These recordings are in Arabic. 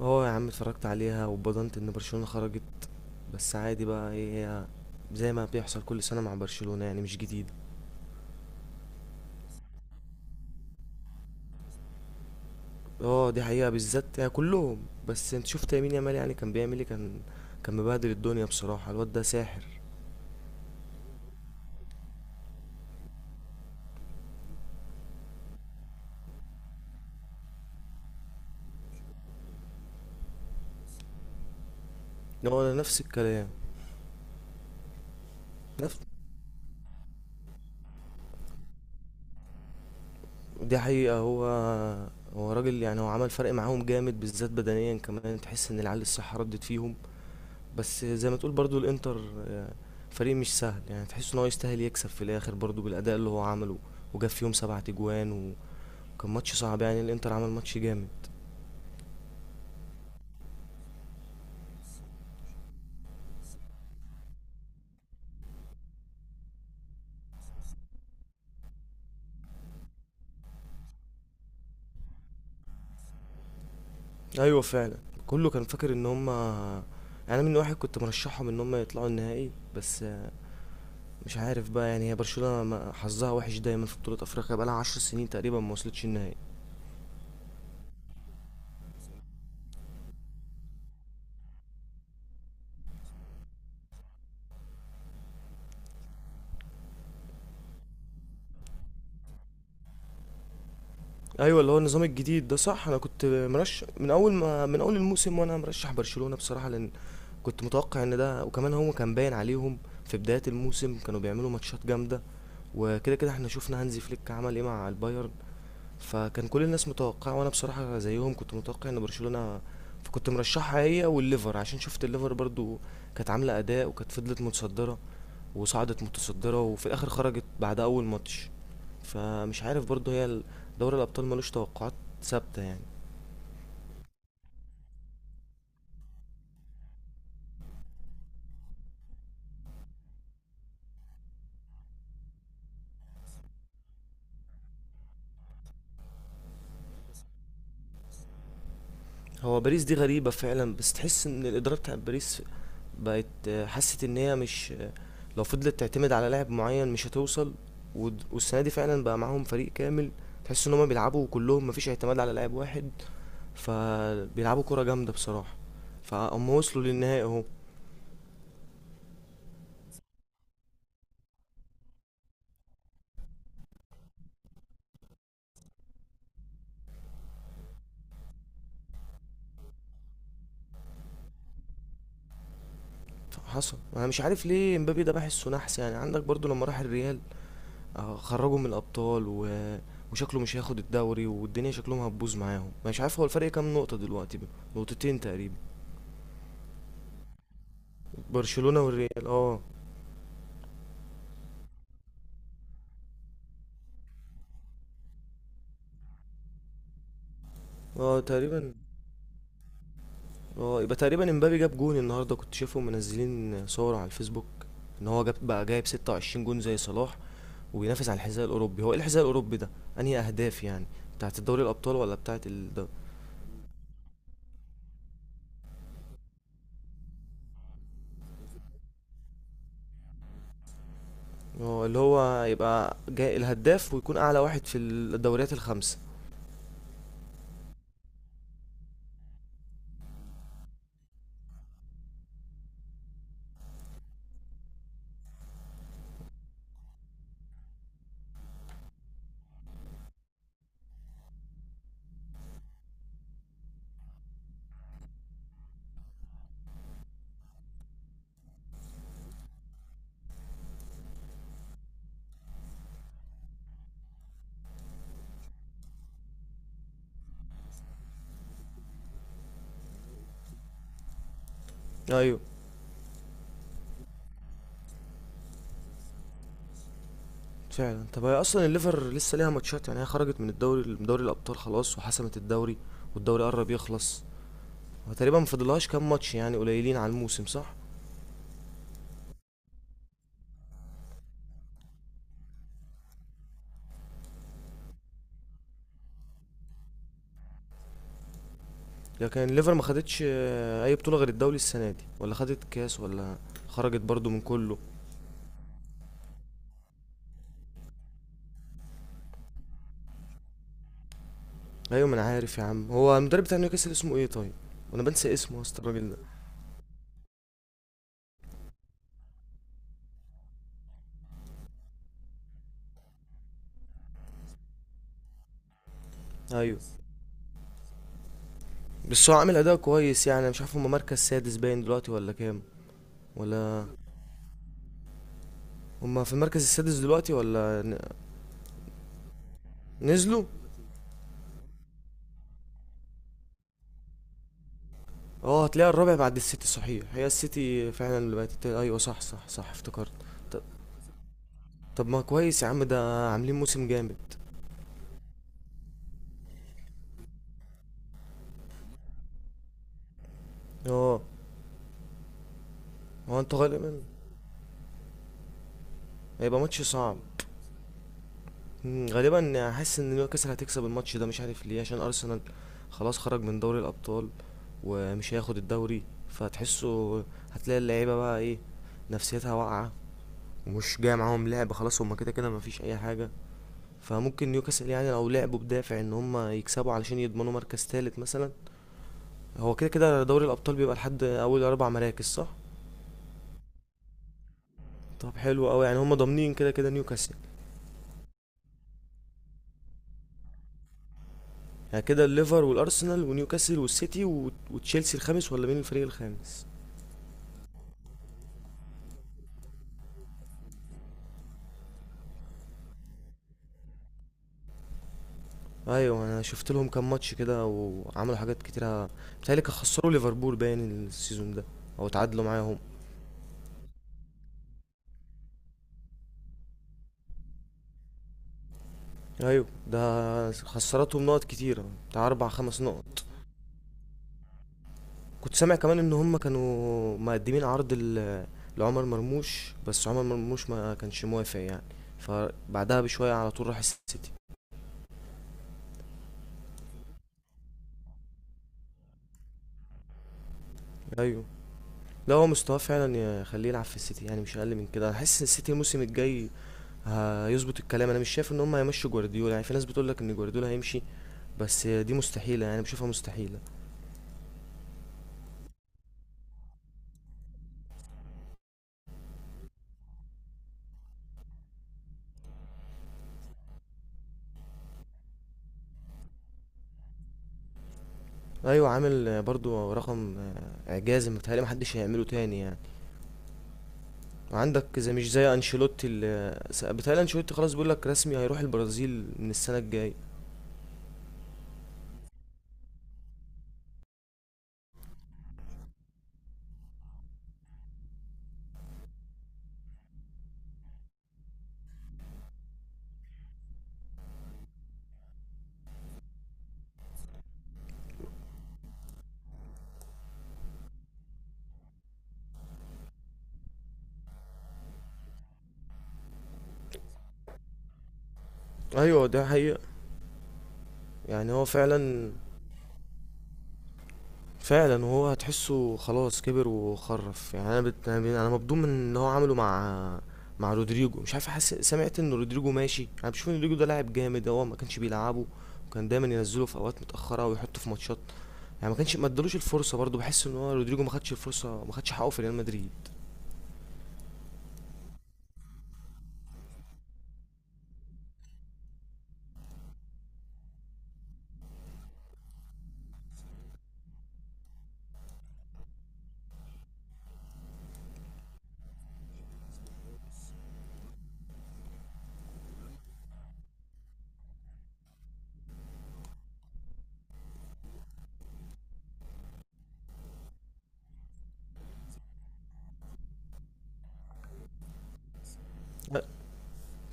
اه، يا عم اتفرجت عليها واتبضنت ان برشلونة خرجت. بس عادي بقى، ايه هي؟ زي ما بيحصل كل سنة مع برشلونة، يعني مش جديد. اه دي حقيقة، بالذات يعني كلهم. بس انت شفت يمين يامال، يعني كان بيعمل ايه؟ كان مبهدل الدنيا بصراحة، الواد ده ساحر. هو ده نفس الكلام. نفس دي حقيقة. هو هو راجل، يعني هو عمل فرق معاهم جامد، بالذات بدنيا كمان تحس ان العيال الصحة ردت فيهم. بس زي ما تقول برضو الانتر آه، فريق مش سهل، يعني تحس ان هو يستاهل يكسب في الاخر برضو بالاداء اللي هو عمله. وجاب فيهم 7 اجوان، وكان ماتش صعب يعني، الانتر عمل ماتش جامد. ايوه فعلا. كله كان فاكر ان هم يعني، انا من واحد كنت مرشحهم ان هم يطلعوا النهائي. بس مش عارف بقى، يعني هي برشلونة حظها وحش دايما في بطولة افريقيا، بقالها 10 سنين تقريبا ما وصلتش النهائي. ايوه، اللي هو النظام الجديد ده صح. انا كنت مرشح من اول ما من اول الموسم، وانا مرشح برشلونة بصراحة، لان كنت متوقع ان ده. وكمان هو كان باين عليهم في بداية الموسم، كانوا بيعملوا ماتشات جامدة. وكده كده احنا شفنا هانزي فليك عمل ايه مع البايرن. فكان كل الناس متوقعة، وانا بصراحة زيهم كنت متوقع ان برشلونة. فكنت مرشحها هي والليفر، عشان شفت الليفر برضو كانت عاملة اداء، وكانت فضلت متصدرة وصعدت متصدرة، وفي الآخر خرجت بعد أول ماتش. فمش عارف برضه، هي دوري الأبطال ملوش توقعات ثابتة يعني. هو باريس دي غريبة فعلا، بس تحس إن الإدارة بتاعت باريس بقت حست إن هي مش لو فضلت تعتمد على لاعب معين مش هتوصل. والسنة دي فعلا بقى معاهم فريق كامل، تحس إن هما بيلعبوا كلهم، مفيش اعتماد على لاعب واحد، فبيلعبوا كرة جامدة بصراحة. فهم وصلوا للنهائي اهو. حصل. انا مش عارف ليه امبابي ده بحسه نحس، يعني عندك برضو لما راح الريال خرجوا من الابطال وشكله مش هياخد الدوري، والدنيا شكلهم هتبوظ معاهم. مش عارف، هو الفرق كام نقطة دلوقتي بقى؟ نقطتين تقريبا. برشلونة والريال اه. اه تقريبا. اه يبقى تقريبا امبابي جاب جون النهارده، كنت شايفهم منزلين صور على الفيسبوك ان هو جاب بقى جايب 26 جون زي صلاح، وبينافس على الحذاء الاوروبي. هو ايه الحذاء الاوروبي ده؟ انهي اهداف يعني؟ بتاعت الدوري الابطال ولا بتاعت الدوري؟ اه، اللي هو يبقى جاي الهداف ويكون اعلى واحد في الدوريات الخمسة. ايوه فعلا. طب هي اصلا الليفر لسه ليها ماتشات، يعني هي خرجت من الدوري، من دوري الابطال خلاص وحسمت الدوري. والدوري قرب يخلص، وتقريبا ما فاضلهاش كام ماتش يعني، قليلين على الموسم، صح؟ لكن الليفر ما خدتش اي بطوله غير الدوري السنه دي، ولا خدت كاس، ولا خرجت برضو من كله. ايوه ما انا عارف يا عم. هو المدرب بتاع نيوكاسل اسمه ايه طيب؟ وانا بنسى اسمه يا اسطى الراجل ده. ايوه، بس هو عامل اداء كويس يعني. أنا مش عارف، هما مركز سادس باين دلوقتي ولا كام؟ ولا هما في المركز السادس دلوقتي ولا نزلوا؟ اه، هتلاقيها الرابع بعد السيتي، صحيح هي السيتي فعلا اللي بقت التالت. ايوه صح صح صح، افتكرت. ط- طب ما كويس يا عم، ده عاملين موسم جامد. اه. هو انتوا غالبا هيبقى ماتش صعب. غالبا حاسس ان نيوكاسل هتكسب الماتش ده، مش عارف ليه، عشان ارسنال خلاص خرج من دوري الابطال ومش هياخد الدوري. فتحسه هتلاقي اللعيبه بقى ايه، نفسيتها واقعه، ومش جاي معاهم لعب خلاص، هما كده كده مفيش اي حاجه. فممكن نيوكاسل يعني لو لعبوا بدافع ان هما يكسبوا علشان يضمنوا مركز تالت مثلا. هو كده كده دوري الابطال بيبقى لحد اول 4 مراكز، صح؟ طب حلو قوي، يعني هم ضامنين كده كده نيوكاسل. يعني كده الليفر والارسنال ونيوكاسل والسيتي وتشيلسي الخامس، ولا مين الفريق الخامس؟ ايوه، انا شفت لهم كام ماتش كده وعملوا حاجات كتيره. بيتهيألي كانوا خسروا ليفربول باين السيزون ده، او تعادلوا معاهم. ايوه ده خسرتهم نقط كتيره، بتاع اربع خمس نقط. كنت سامع كمان ان هم كانوا مقدمين عرض لعمر مرموش، بس عمر مرموش ما كانش موافق يعني. فبعدها بشويه على طول راح السيتي. ايوه. لا هو مستواه فعلا يخليه يلعب في السيتي، يعني مش اقل من كده. انا حاسس ان السيتي الموسم الجاي هيظبط الكلام. انا مش شايف ان هم هيمشوا جوارديولا، يعني في ناس بتقول لك ان جوارديولا هيمشي، بس دي مستحيله، يعني بشوفها مستحيله. ايوه، عامل برضو رقم اعجازي، متهيألي محدش هيعمله تاني يعني. عندك زي، مش زي انشيلوتي اللي بيتهيألي انشيلوتي خلاص بيقول لك رسمي هيروح البرازيل من السنه الجايه. ايوه ده حقيقه. يعني هو فعلا، فعلا. وهو هتحسه خلاص كبر وخرف، يعني انا مبدوم من اللي هو عمله مع رودريجو. مش عارف، حاسس سمعت ان رودريجو ماشي. انا بشوف ان رودريجو ده لاعب جامد، هو ما كانش بيلعبه، وكان دايما ينزله في اوقات متاخره ويحطه في ماتشات، يعني ما ادالوش الفرصه. برضه بحس ان هو رودريجو ما خدش الفرصه، ما خدش حقه في ريال مدريد.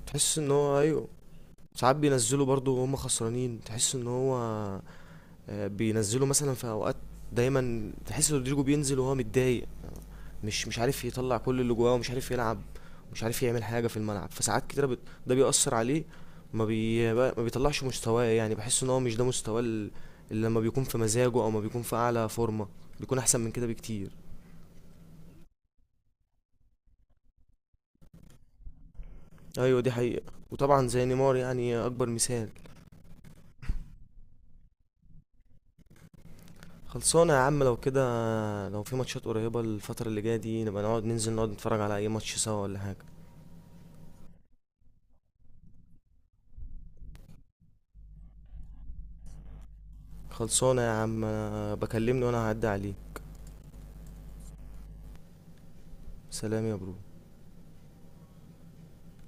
تحس ان هو، ايوه. ساعات بينزلوا برضو وهم خسرانين، تحس ان هو بينزلوا مثلا في اوقات. دايما تحس ان رودريجو بينزل وهو متضايق، مش عارف يطلع كل اللي جواه، ومش عارف يلعب، مش عارف يعمل حاجه في الملعب. فساعات كتيره ده بيأثر عليه، ما بيطلعش مستواه. يعني بحس ان هو مش ده مستواه اللي لما بيكون في مزاجه او ما بيكون في اعلى فورمه، بيكون احسن من كده بكتير. ايوه دي حقيقه. وطبعا زي نيمار، يعني اكبر مثال. خلصانة يا عم، لو كده لو في ماتشات قريبة الفترة اللي جاية دي، نبقى نقعد ننزل نقعد نتفرج على أي ماتش سوا ولا حاجة. خلصانة يا عم. بكلمني وأنا هعدي عليه. سلام يا برو.